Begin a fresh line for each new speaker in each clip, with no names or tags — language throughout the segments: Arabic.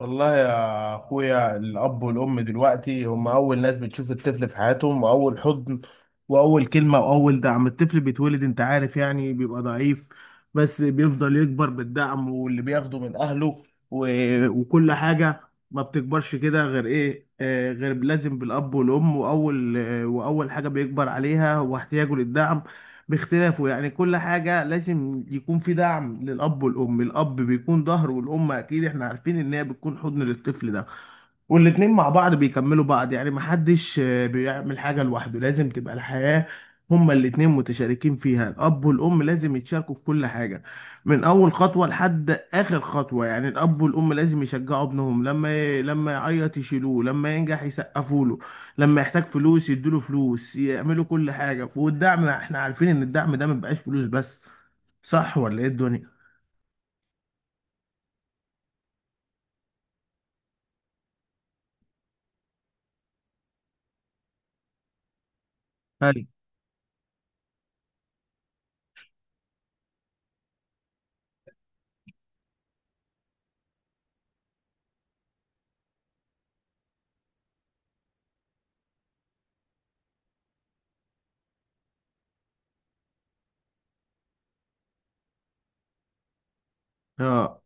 والله يا اخويا، الاب والام دلوقتي هم اول ناس بتشوف الطفل في حياتهم، واول حضن واول كلمه واول دعم. الطفل بيتولد انت عارف يعني بيبقى ضعيف، بس بيفضل يكبر بالدعم واللي بياخده من اهله و... وكل حاجه. ما بتكبرش كده غير ايه، غير لازم بالاب والام، واول واول حاجه بيكبر عليها هو احتياجه للدعم باختلافه. يعني كل حاجة لازم يكون في دعم للأب والأم. الأب بيكون ظهر، والأم أكيد إحنا عارفين إن هي بتكون حضن للطفل ده. والاتنين مع بعض بيكملوا بعض، يعني محدش بيعمل حاجة لوحده. لازم تبقى الحياة هما الاتنين متشاركين فيها. الأب والأم لازم يتشاركوا في كل حاجة، من أول خطوة لحد آخر خطوة. يعني الأب والأم لازم يشجعوا ابنهم، لما لما يعيط يشيلوه، لما ينجح يسقفوا له، لما يحتاج فلوس يدوله فلوس. يعملوا كل حاجة. والدعم احنا عارفين ان الدعم ده ما بيبقاش فلوس بس. صح ولا ايه الدنيا؟ ايوه. اه.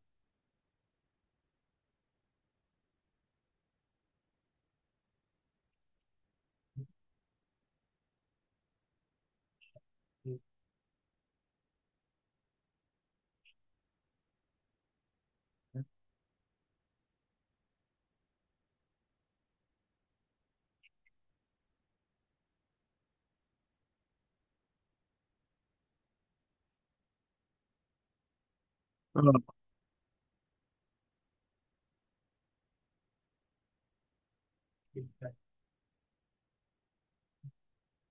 اه.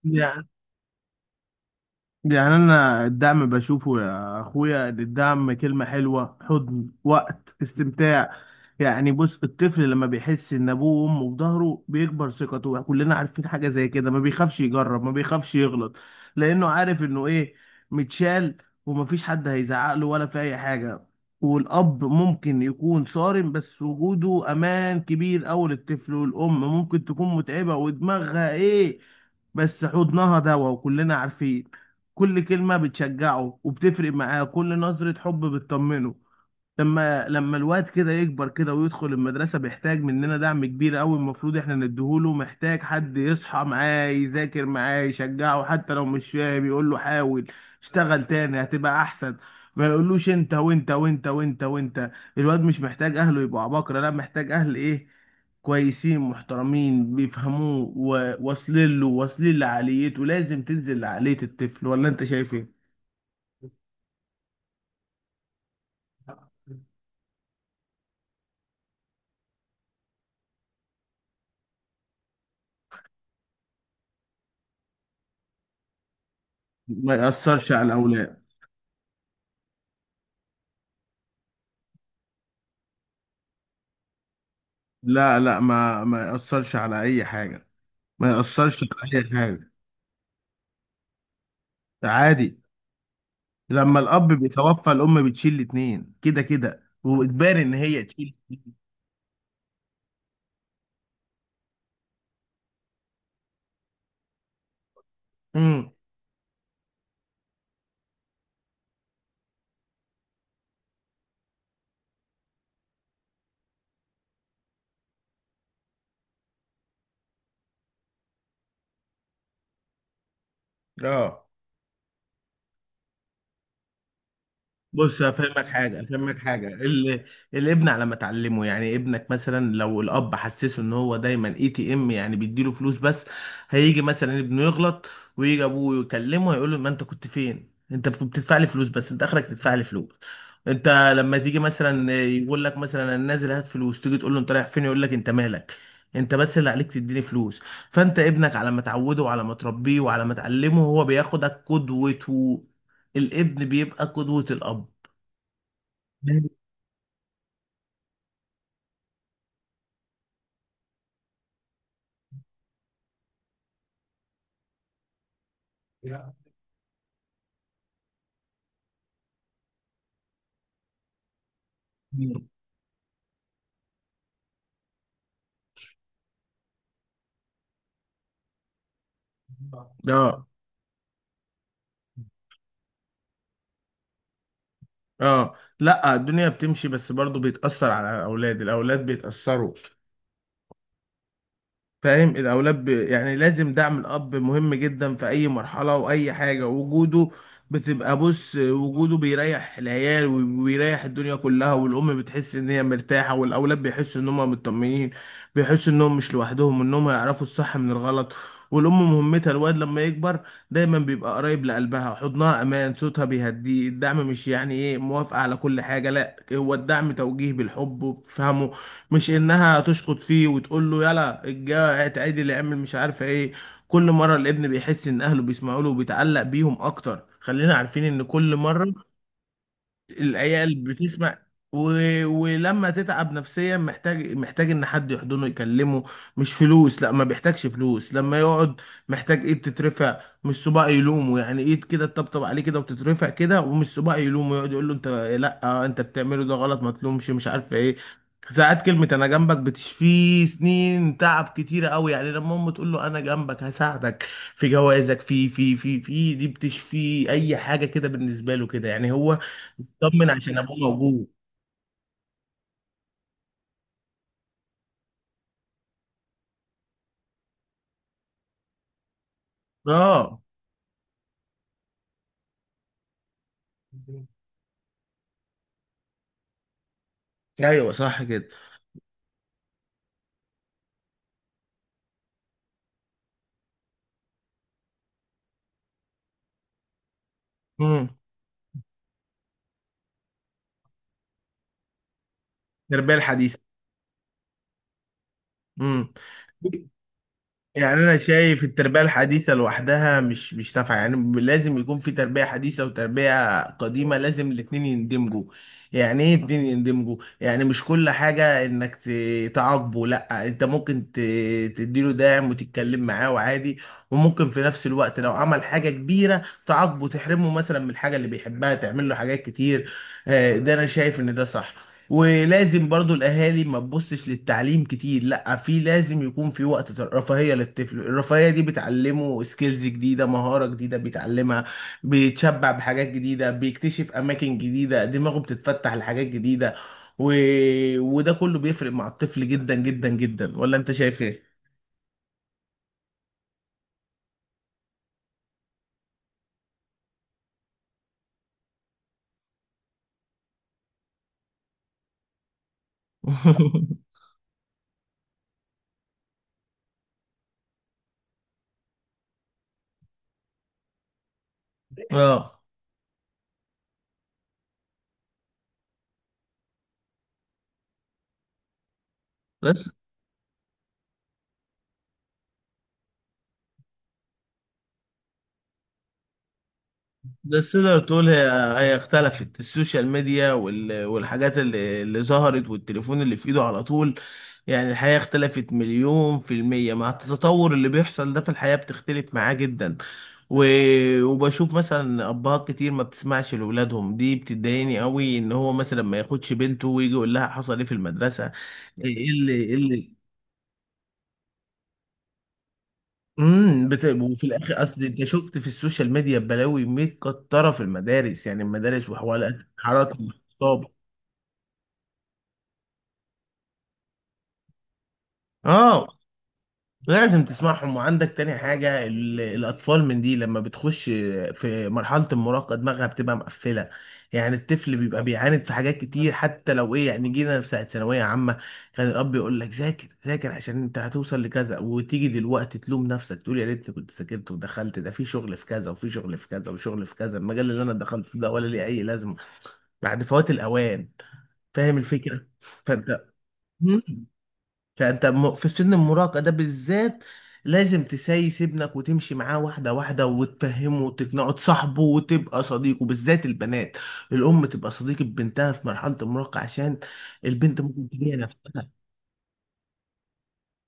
يعني. يعني انا الدعم بشوفه يا اخويا إن الدعم كلمة حلوة، حضن، وقت استمتاع. يعني بص، الطفل لما بيحس ان ابوه وامه في ظهره بيكبر ثقته، كلنا عارفين حاجة زي كده. ما بيخافش يجرب، ما بيخافش يغلط، لانه عارف انه ايه، متشال، ومفيش حد هيزعق له ولا في اي حاجة. والاب ممكن يكون صارم بس وجوده امان كبير اوي للطفل، والام ممكن تكون متعبة ودماغها ايه، بس حضنها دوا وكلنا عارفين. كل كلمة بتشجعه وبتفرق معاه، كل نظرة حب بتطمنه. لما الواد كده يكبر كده ويدخل المدرسة بيحتاج مننا دعم كبير قوي، المفروض احنا نديهوله. محتاج حد يصحى معاه، يذاكر معاه، يشجعه حتى لو مش فاهم يقول له حاول، اشتغل تاني هتبقى احسن. ما يقولوش انت وانت وانت وانت وانت. الواد مش محتاج اهله يبقوا عباقرة، لا، محتاج اهل ايه، كويسين محترمين بيفهموه وواصلين له، واصلين لعقليته. لازم تنزل لعقلية الطفل، ولا انت شايف ايه؟ ما يأثرش على الاولاد. لا لا، ما يأثرش على أي حاجة، ما يأثرش على أي حاجة. ده عادي، لما الأب بيتوفى الأم بتشيل الاتنين كده كده، وإجباري إن هي تشيل. امم. اه. بص افهمك حاجه، افهمك حاجه، الابن على ما تعلمه. يعني ابنك مثلا لو الاب حسسه ان هو دايما اي تي ام، يعني بيديله فلوس بس، هيجي مثلا ابنه يغلط ويجي ابوه يكلمه هيقول له ما انت كنت فين، انت بتدفع لي فلوس بس، انت اخرك تدفع لي فلوس. انت لما تيجي مثلا يقول لك مثلا انا نازل هات فلوس، تيجي تقول له انت رايح فين، يقول لك انت مالك، انت بس اللي عليك تديني فلوس. فانت ابنك على ما تعوده وعلى ما تربيه وعلى ما تعلمه، هو بياخدك قدوته. الابن بيبقى قدوة الأب. اه. اه. لا الدنيا بتمشي، بس برضو بيتأثر على الأولاد، الأولاد بيتأثروا. فاهم؟ الاولاد يعني لازم دعم الاب مهم جدا في اي مرحله واي حاجه. وجوده بتبقى بص، وجوده بيريح العيال وبيريح الدنيا كلها، والام بتحس ان هي مرتاحه، والاولاد بيحسوا ان هم مطمنين، بيحسوا انهم مش لوحدهم، انهم يعرفوا الصح من الغلط. والام مهمتها الواد لما يكبر دايما بيبقى قريب لقلبها، حضنها امان، صوتها بيهديه. الدعم مش يعني ايه موافقه على كل حاجه، لا، هو الدعم توجيه بالحب وبفهمه، مش انها تشخط فيه وتقول له يلا الجا اتعدل اللي اعمل مش عارفه ايه. كل مره الابن بيحس ان اهله بيسمعوا له وبيتعلق بيهم اكتر. خلينا عارفين ان كل مره العيال بتسمع. و... ولما تتعب نفسيا محتاج، محتاج ان حد يحضنه يكلمه، مش فلوس، لا ما بيحتاجش فلوس. لما يقعد محتاج ايد تترفع، مش صباع يلومه. يعني ايد كده تطبطب عليه كده وتترفع كده، ومش صباع يلومه يقعد يقول له انت، لا انت بتعمله ده غلط ما تلومش مش عارف ايه. ساعات كلمة أنا جنبك بتشفيه سنين تعب كتيرة أوي. يعني لما أمه تقول له أنا جنبك هساعدك في جوازك، في دي بتشفيه أي حاجة كده، بالنسبة له كده يعني هو. طمن عشان ابوه موجود. اه. ايوه صح كده. امم. التربيه الحديثه. امم. يعني انا شايف التربيه الحديثه لوحدها مش نافعه، يعني لازم يكون في تربيه حديثه وتربيه قديمه، لازم الاتنين يندمجوا. يعني ايه اتنين يندمجوا، يعني مش كل حاجه انك تعاقبه، لا، انت ممكن تديله دعم وتتكلم معاه وعادي، وممكن في نفس الوقت لو عمل حاجه كبيره تعاقبه، تحرمه مثلا من الحاجه اللي بيحبها، تعمل له حاجات كتير. ده انا شايف ان ده صح. ولازم برضو الاهالي ما تبصش للتعليم كتير، لا، في لازم يكون في وقت رفاهية للطفل. الرفاهية دي بتعلمه سكيلز جديدة، مهارة جديدة بيتعلمها، بيتشبع بحاجات جديدة، بيكتشف اماكن جديدة، دماغه بتتفتح لحاجات جديدة. و... وده كله بيفرق مع الطفل جدا جدا جدا، ولا انت شايف ايه؟ اه. بس. بس تقدر تقول هي، هي اختلفت. السوشيال ميديا والحاجات اللي ظهرت والتليفون اللي في ايده على طول، يعني الحياة اختلفت مليون%. مع التطور اللي بيحصل ده في الحياة بتختلف معاه جدا. و... وبشوف مثلا أبهات كتير ما بتسمعش لأولادهم، دي بتضايقني قوي، إن هو مثلا ما ياخدش بنته ويجي يقول لها حصل إيه في المدرسة. إيه اللي إيه اللي. امم. وفي الاخر اصل انت شفت في السوشيال ميديا بلاوي متكتره في المدارس، يعني المدارس وحوالات، حرائق، الاغتصاب. اه. لازم تسمعهم. وعندك تاني حاجة، الأطفال من دي لما بتخش في مرحلة المراهقة دماغها بتبقى مقفلة. يعني الطفل بيبقى بيعاند في حاجات كتير، حتى لو إيه، يعني جينا في ساعة ثانوية عامة، كان الأب يقول لك ذاكر ذاكر عشان أنت هتوصل لكذا، وتيجي دلوقتي تلوم نفسك تقول يا ريتني كنت ذاكرت ودخلت ده في شغل في كذا وفي شغل في كذا وشغل في كذا، المجال اللي أنا دخلته ده ولا ليه أي لازمة. بعد فوات الأوان. فاهم الفكرة؟ فأنت، فانت في سن المراهقه ده بالذات لازم تسايس ابنك وتمشي معاه واحده واحده وتفهمه وتقنعه، تصاحبه وتبقى صديقه، بالذات البنات. الام تبقى صديقه بنتها في مرحله المراهقه، عشان البنت ممكن تبيع نفسها.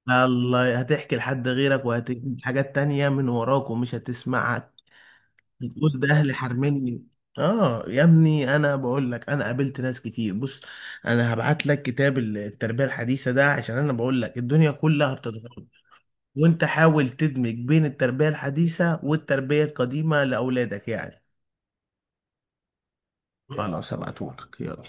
الله، هتحكي لحد غيرك، وهتجيب حاجات تانية من وراك ومش هتسمعك، تقول ده اهلي حرمني. اه يا ابني انا بقول لك، انا قابلت ناس كتير. بص انا هبعت لك كتاب التربيه الحديثه ده، عشان انا بقول لك الدنيا كلها بتتغير، وانت حاول تدمج بين التربية الحديثة والتربية القديمة لأولادك يعني. خلاص هبعتهولك، يلا.